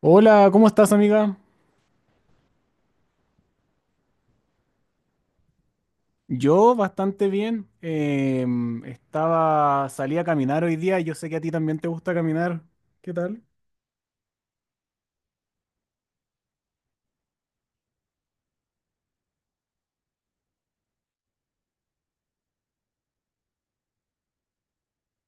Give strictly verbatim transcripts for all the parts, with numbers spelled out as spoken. Hola, ¿cómo estás, amiga? Yo bastante bien. Em, estaba, salí a caminar hoy día. Yo sé que a ti también te gusta caminar. ¿Qué tal?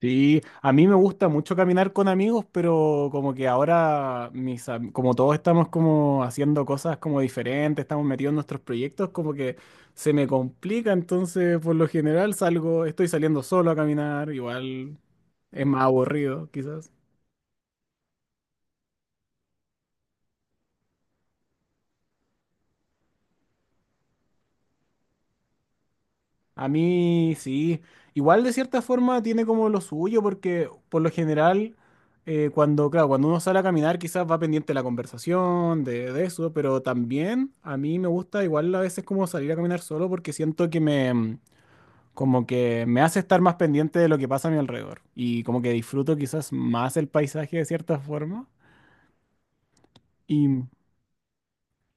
Sí, a mí me gusta mucho caminar con amigos, pero como que ahora, mis, am- como todos estamos como haciendo cosas como diferentes, estamos metidos en nuestros proyectos, como que se me complica. Entonces, por lo general, salgo, estoy saliendo solo a caminar. Igual es más aburrido, quizás. A mí sí, igual de cierta forma tiene como lo suyo, porque por lo general, eh, cuando, claro, cuando uno sale a caminar quizás va pendiente de la conversación, de, de eso, pero también a mí me gusta igual a veces como salir a caminar solo porque siento que me, mm, como que me hace estar más pendiente de lo que pasa a mi alrededor y como que disfruto quizás más el paisaje de cierta forma. ¿Y,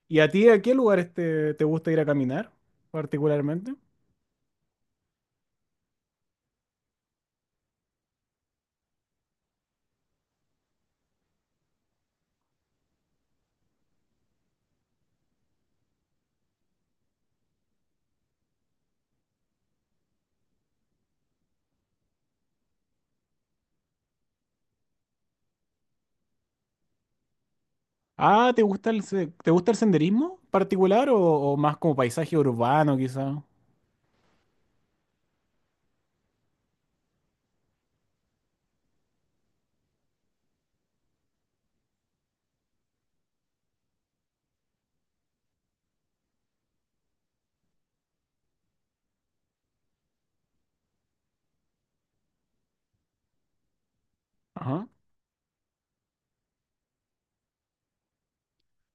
y a ti a qué lugares te, te gusta ir a caminar particularmente? Ah, ¿te gusta el, se- te gusta el senderismo particular o, o más como paisaje urbano quizá? Ajá.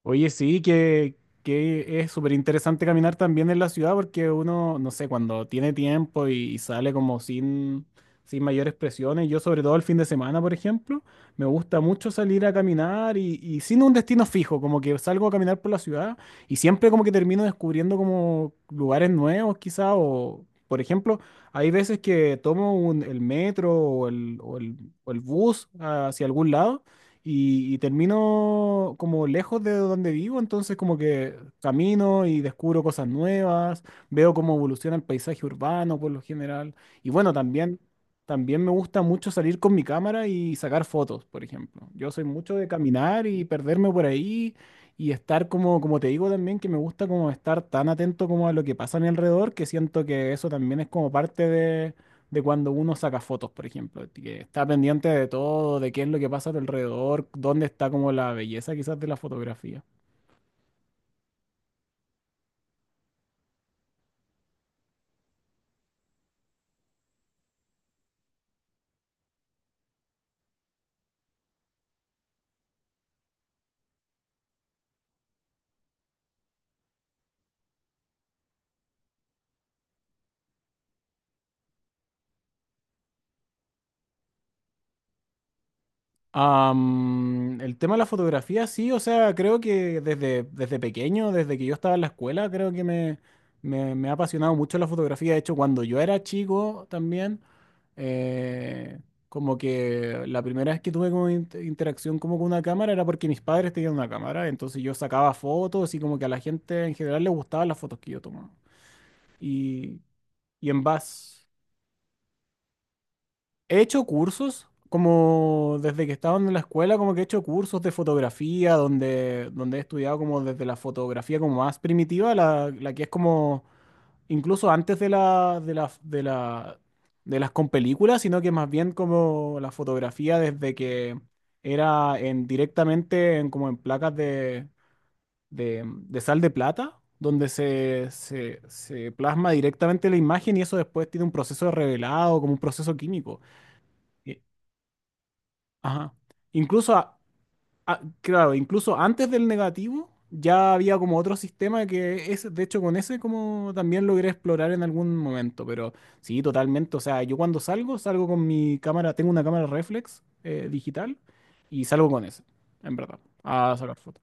Oye, sí, que, que es súper interesante caminar también en la ciudad porque uno, no sé, cuando tiene tiempo y, y sale como sin, sin mayores presiones, yo sobre todo el fin de semana, por ejemplo, me gusta mucho salir a caminar y, y sin un destino fijo, como que salgo a caminar por la ciudad y siempre como que termino descubriendo como lugares nuevos quizá o, por ejemplo, hay veces que tomo un- el metro o el, o el o el bus hacia algún lado y, y termino como lejos de donde vivo, entonces como que camino y descubro cosas nuevas, veo cómo evoluciona el paisaje urbano por lo general. Y bueno, también, también me gusta mucho salir con mi cámara y sacar fotos, por ejemplo. Yo soy mucho de caminar y perderme por ahí y estar como, como te digo también, que me gusta como estar tan atento como a lo que pasa a mi alrededor, que siento que eso también es como parte de de cuando uno saca fotos, por ejemplo, que está pendiente de todo, de qué es lo que pasa a tu alrededor, dónde está como la belleza quizás de la fotografía. Am, el tema de la fotografía, sí, o sea, creo que desde, desde pequeño, desde que yo estaba en la escuela, creo que me, me, me ha apasionado mucho la fotografía. De hecho, cuando yo era chico también, eh, como que la primera vez que tuve como in- interacción como con una cámara era porque mis padres tenían una cámara, entonces yo sacaba fotos y como que a la gente en general le gustaban las fotos que yo tomaba. Y, y en base, he hecho cursos, como desde que estaba en la escuela, como que he hecho cursos de fotografía, donde, donde he estudiado como desde la fotografía como más primitiva, la, la que es como incluso antes de la, de la, de la, de las con películas, sino que más bien como la fotografía desde que era en, directamente en, como en placas de de, de sal de plata, donde se, se, se plasma directamente la imagen y eso después tiene un proceso de revelado, como un proceso químico. Y- Ajá. Incluso, a- a- claro, incluso antes del negativo ya había como otro sistema que es, de hecho, con ese como también logré explorar en algún momento, pero sí, totalmente. O sea, yo cuando salgo, salgo con mi cámara, tengo una cámara reflex eh, digital y salgo con ese, en verdad, a sacar fotos.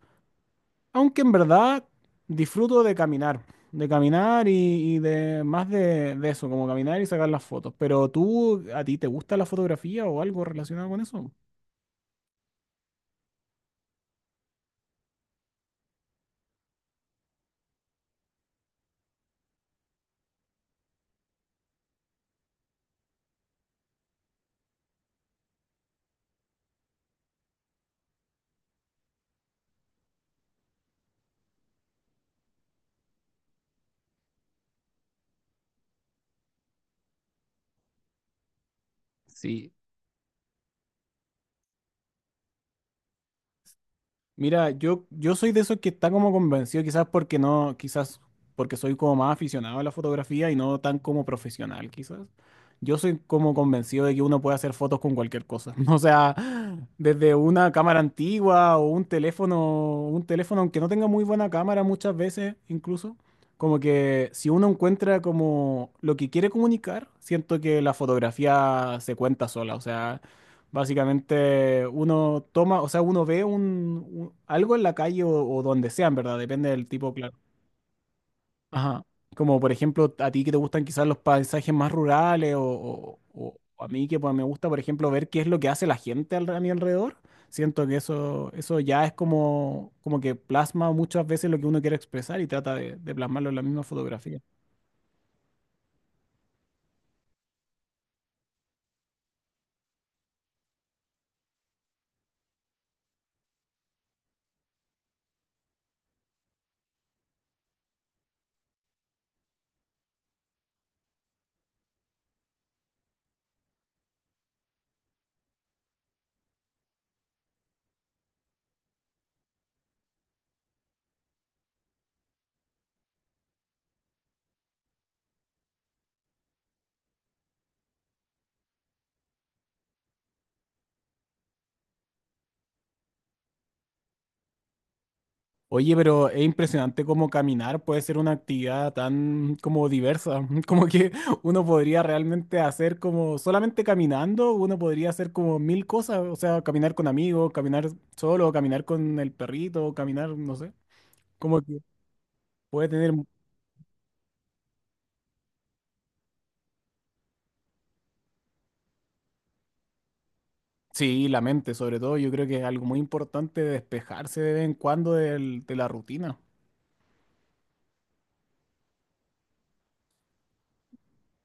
Aunque en verdad disfruto de caminar, de caminar y, y de más de, de eso, como caminar y sacar las fotos. Pero tú, ¿a ti te gusta la fotografía o algo relacionado con eso? Sí. Mira, yo, yo soy de esos que está como convencido, quizás porque no, quizás porque soy como más aficionado a la fotografía y no tan como profesional, quizás. Yo soy como convencido de que uno puede hacer fotos con cualquier cosa. O sea, desde una cámara antigua o un teléfono, un teléfono aunque no tenga muy buena cámara muchas veces incluso, como que si uno encuentra como lo que quiere comunicar, siento que la fotografía se cuenta sola. O sea, básicamente uno toma, o sea, uno ve un, un- algo en la calle o, o donde sea, en verdad, depende del tipo, claro. Ajá. Como por ejemplo, a ti que te gustan quizás los paisajes más rurales o, o- o- o a mí que pues, me gusta, por ejemplo, ver qué es lo que hace la gente al- a mi alrededor. Siento que eso, eso ya es como, como que plasma muchas veces lo que uno quiere expresar y trata de, de plasmarlo en la misma fotografía. Oye, pero es impresionante cómo caminar puede ser una actividad tan como diversa, como que uno podría realmente hacer como solamente caminando, uno podría hacer como mil cosas, o sea, caminar con amigos, caminar solo, caminar con el perrito, caminar, no sé, como que puede tener, sí, la mente sobre todo, yo creo que es algo muy importante despejarse de vez en cuando del- de la rutina.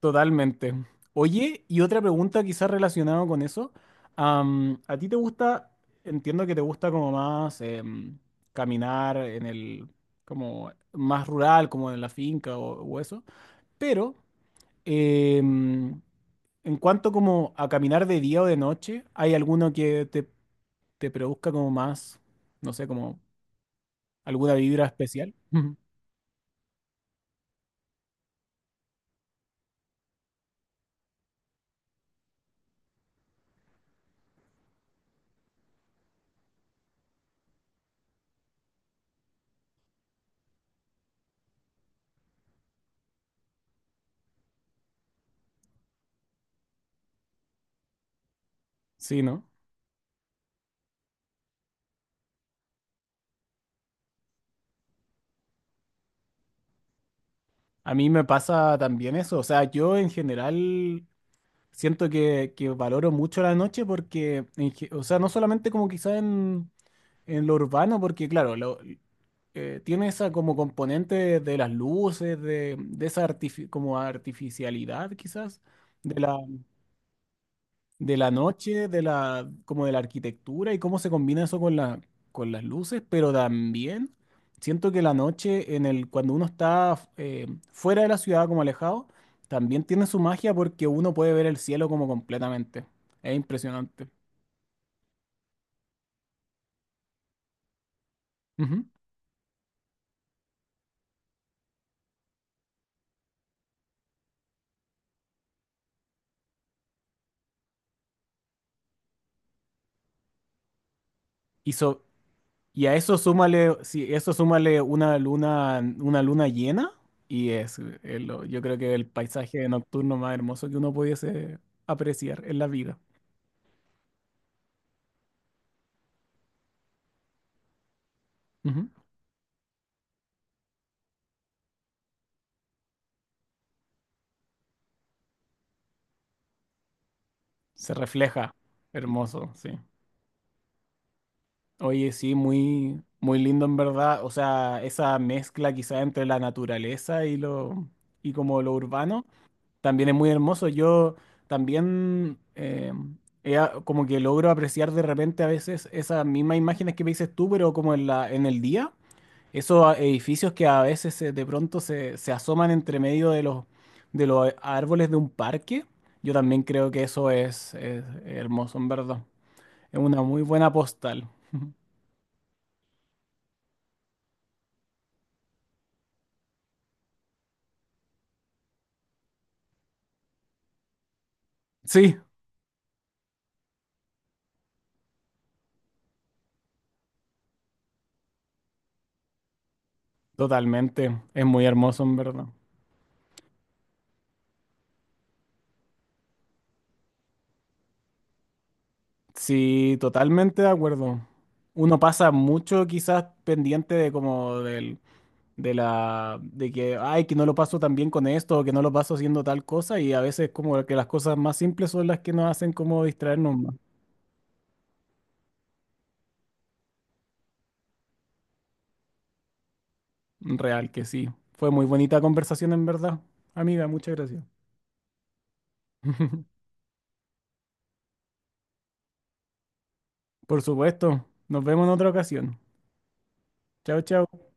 Totalmente. Oye, y otra pregunta quizás relacionada con eso. am, ¿a ti te gusta, entiendo que te gusta como más em, caminar en el, como más rural, como en la finca o, o eso, pero em, en cuanto como a caminar de día o de noche, ¿hay alguno que te, te produzca como más, no sé, como alguna vibra especial? Sí, ¿no? A mí me pasa también eso. O sea, yo en general siento que, que valoro mucho la noche porque, en ge- o sea, no solamente como quizá en, en lo urbano, porque claro, lo- eh, tiene esa como componente de, de las luces, de, de esa artifi- como artificialidad quizás, de la noche, de la, como de la arquitectura y cómo se combina eso con la, con las luces, pero también siento que la noche, en el, cuando uno está eh, fuera de la ciudad, como alejado, también tiene su magia porque uno puede ver el cielo como completamente. Es impresionante. Ujú. Y, so- y a eso súmale, si eso súmale una luna, una luna llena, y es, es lo- yo creo que el paisaje nocturno más hermoso que uno pudiese apreciar en la vida. Ujú. Se refleja. Hermoso, sí. Oye, sí, muy, muy lindo en verdad. O sea, esa mezcla quizá entre la naturaleza y lo, y como lo urbano, también es muy hermoso. Yo también eh, he a- como que logro apreciar de repente a veces esas mismas imágenes que me dices tú, pero como en la, en el día. Esos a- edificios que a veces se- de pronto se, se asoman entre medio de los, de los eh, árboles de un parque. Yo también creo que eso es es hermoso, en verdad. Es una muy buena postal. Sí, totalmente. Es muy hermoso, en verdad. Sí, totalmente de acuerdo. Uno pasa mucho quizás pendiente de como del, de la, de que, ay, que no lo paso tan bien con esto, o que no lo paso haciendo tal cosa, y a veces como que las cosas más simples son las que nos hacen como distraernos más. Real que sí. Fue muy bonita conversación, en verdad. Amiga, muchas gracias. Por supuesto. Nos vemos en otra ocasión. Chao, chao.